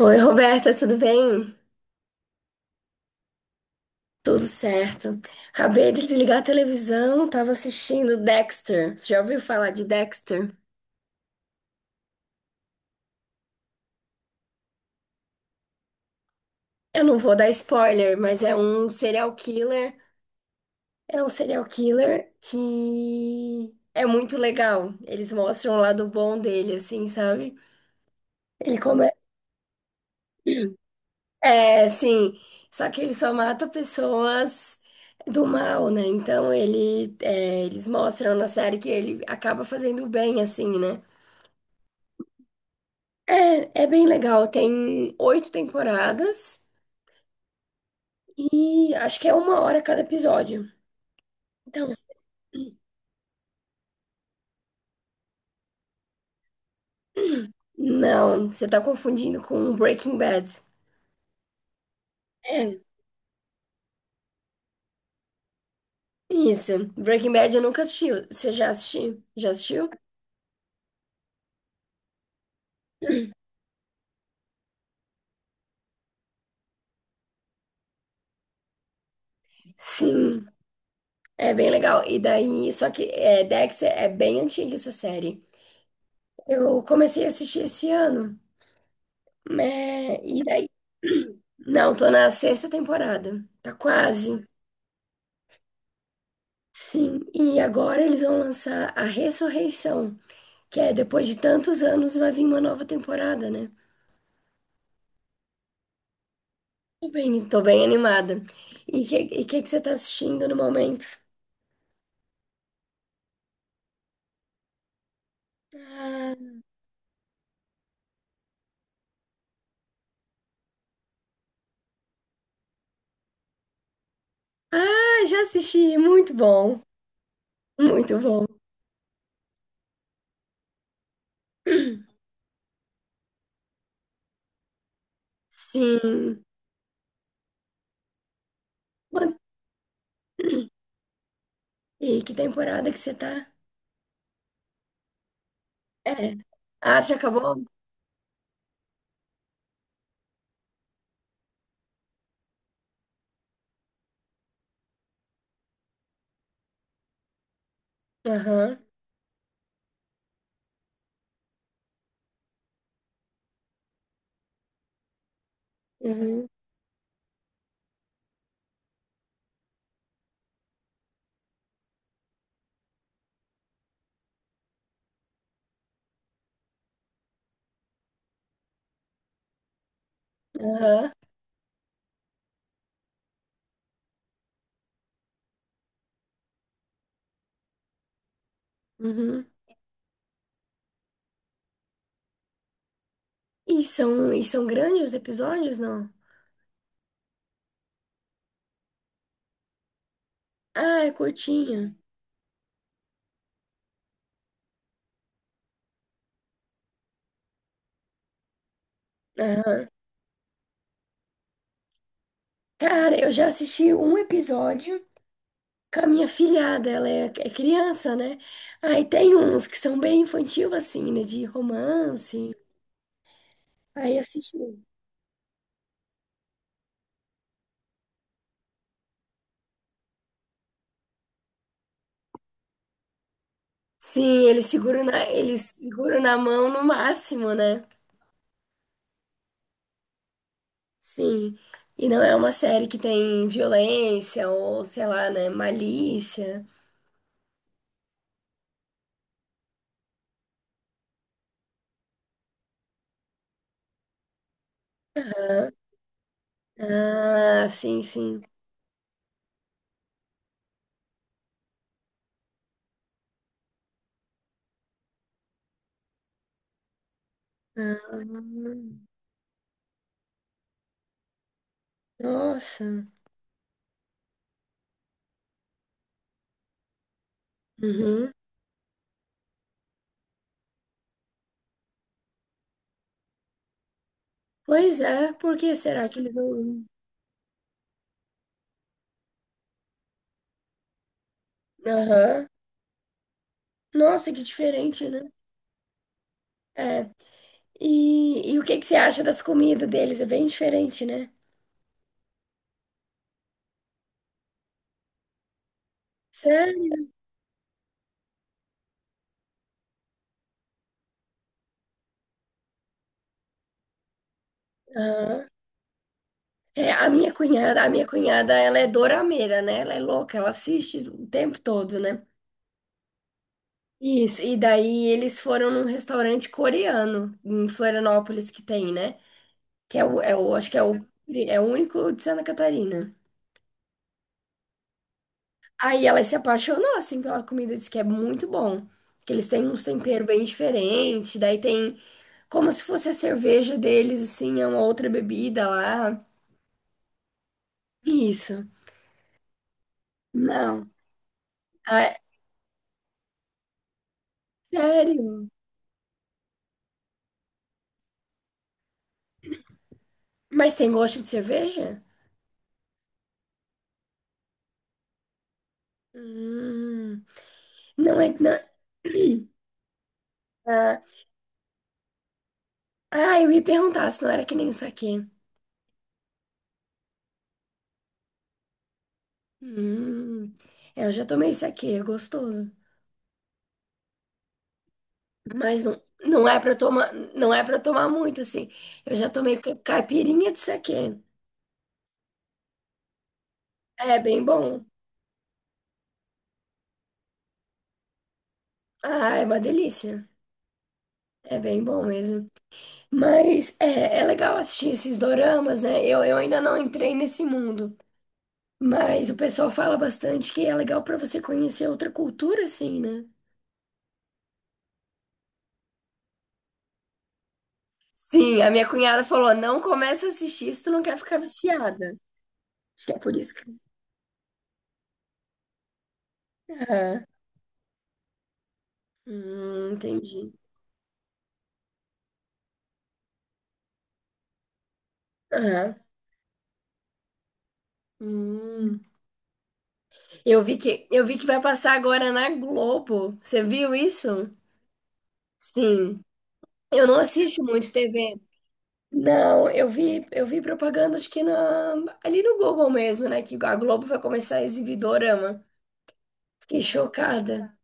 Oi, Roberta, tudo bem? Tudo certo. Acabei de desligar a televisão, tava assistindo Dexter. Você já ouviu falar de Dexter? Eu não vou dar spoiler, mas é um serial killer. É um serial killer que é muito legal. Eles mostram o lado bom dele, assim, sabe? Ele come. É, sim. Só que ele só mata pessoas do mal, né? Então eles mostram na série que ele acaba fazendo o bem, assim, né? É, é bem legal. Tem oito temporadas e acho que é uma hora cada episódio. Então, não, você tá confundindo com Breaking Bad. É, isso. Breaking Bad eu nunca assisti. Você já assistiu? Já assistiu? Sim, é bem legal. E daí, só que é, Dexter é bem antiga essa série. Eu comecei a assistir esse ano, né? E daí, não, tô na sexta temporada. Tá quase. Sim, e agora eles vão lançar a Ressurreição, que é depois de tantos anos vai vir uma nova temporada, né? Tô bem animada. E que que você tá assistindo no momento? Ah, ah, já assisti, muito bom, muito bom. Sim. Quan- E que temporada que você tá? É. Ah, já acabou? Aham. Uhum. Aham. Uhum. E são grandes os episódios, não? Ah, é curtinho. Aham. Cara, eu já assisti um episódio com a minha filhada, ela é criança, né? Aí tem uns que são bem infantil, assim, né? De romance. Aí assisti. Sim, eles seguram na mão no máximo, né? Sim. E não é uma série que tem violência ou, sei lá, né? Malícia. Ah, ah, sim, sim. Ah, nossa. Uhum. Pois é, por que será que eles não. Aham. Nossa, que diferente, né? É. E o que que você acha das comidas deles? É bem diferente, né? Sério? Aham. É, a minha cunhada, ela é dorameira, né? Ela é louca, ela assiste o tempo todo, né? Isso, e daí eles foram num restaurante coreano em Florianópolis que tem, né? Que é o, é o, Acho que é o único de Santa Catarina. Aí ela se apaixonou, assim, pela comida, disse que é muito bom. Que eles têm um tempero bem diferente, daí tem como se fosse a cerveja deles, assim, é uma outra bebida lá. Isso. Não. Ah, sério? Mas tem gosto de cerveja? Hum, não é. Não. Ah, ah, eu ia perguntar se não era que nem o saquê. Hum, é, eu já tomei saquê, é gostoso. Mas não, não é pra tomar, não é para tomar muito, assim. Eu já tomei caipirinha de saquê. É bem bom. Ah, é uma delícia. É bem bom mesmo. Mas é legal assistir esses doramas, né? Eu ainda não entrei nesse mundo. Mas o pessoal fala bastante que é legal pra você conhecer outra cultura, assim, né? Sim, a minha cunhada falou: não começa a assistir se tu não quer ficar viciada. Acho que é por isso que. Aham. Entendi. Aham. Hum. Eu vi que vai passar agora na Globo. Você viu isso? Sim. Eu não assisto muito TV. Não, eu vi propaganda, acho que ali no Google mesmo, né? Que a Globo vai começar a exibir Dorama. Fiquei chocada.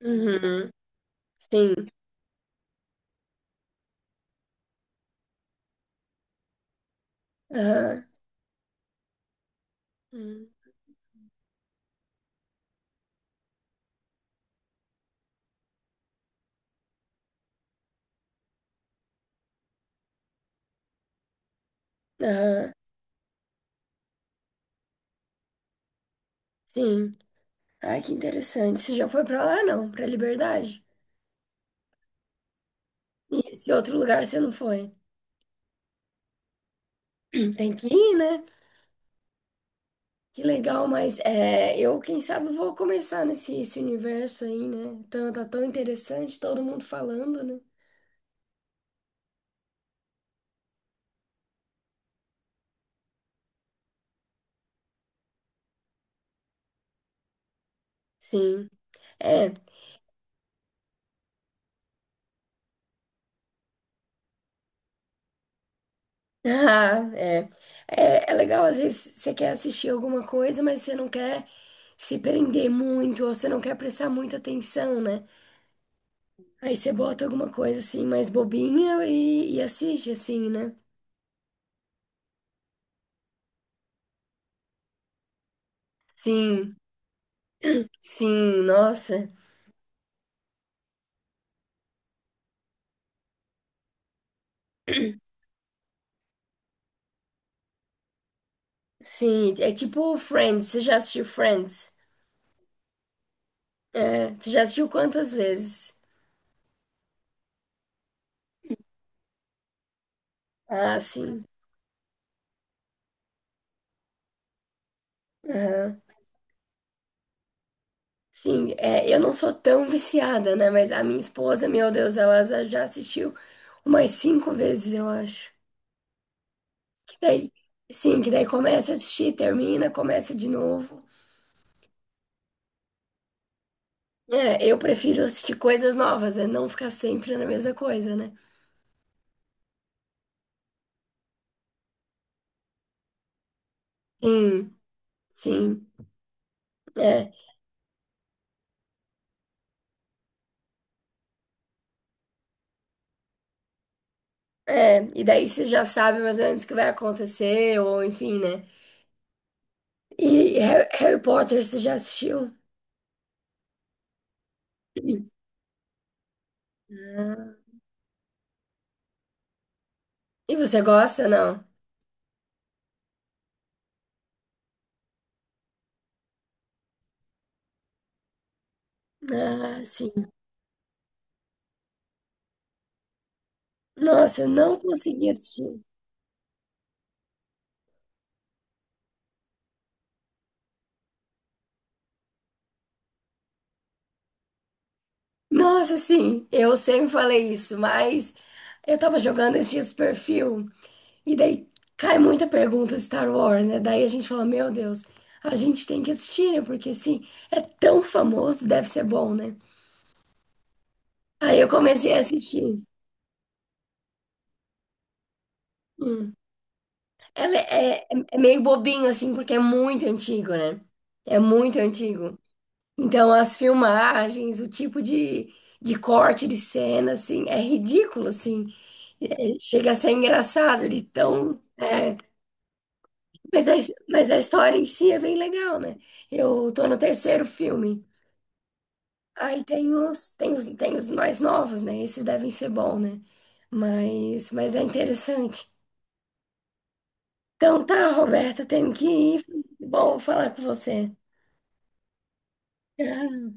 Uhum. Sim. Aham. Hum. Aham. Sim. Ai, que interessante. Você já foi pra lá, não? Pra Liberdade? E esse outro lugar você não foi? Tem que ir, né? Que legal, mas é, eu, quem sabe, vou começar nesse esse universo aí, né? Então, tá tão interessante, todo mundo falando, né? Sim. É. Ah, é. É legal, às vezes você quer assistir alguma coisa, mas você não quer se prender muito, ou você não quer prestar muita atenção, né? Aí você bota alguma coisa assim mais bobinha e assiste, assim, né? Sim, sim, nossa. Sim, é tipo Friends, você já assistiu Friends? É, você já assistiu quantas vezes? Ah, sim. Aham. Sim, é, eu não sou tão viciada, né? Mas a minha esposa, meu Deus, ela já assistiu umas cinco vezes, eu acho. Que daí, sim, que daí começa a assistir, termina, começa de novo. É, eu prefiro assistir coisas novas, né? Não ficar sempre na mesma coisa, né? Sim, sim. É, é. E daí você já sabe mais ou menos o que vai acontecer, ou enfim, né? E Harry Potter, você já assistiu? Ah, e você gosta, não? Ah, sim. Nossa, não consegui assistir. Nossa, sim, eu sempre falei isso, mas eu tava jogando esses dias perfil e daí cai muita pergunta Star Wars, né? Daí a gente fala, meu Deus, a gente tem que assistir, né? Porque assim, é tão famoso, deve ser bom, né? Aí eu comecei a assistir. Hum. Ela é meio bobinho, assim, porque é muito antigo, né? É muito antigo. Então, as filmagens, o tipo de corte de cena, assim, é ridículo, assim. É, chega a ser engraçado de tão. É, mas, a, mas a história em si é bem legal, né? Eu tô no terceiro filme. Aí tem os mais novos, né? Esses devem ser bons, né? Mas é interessante. Então tá, Roberta, tenho que ir. Bom falar com você. Tchau.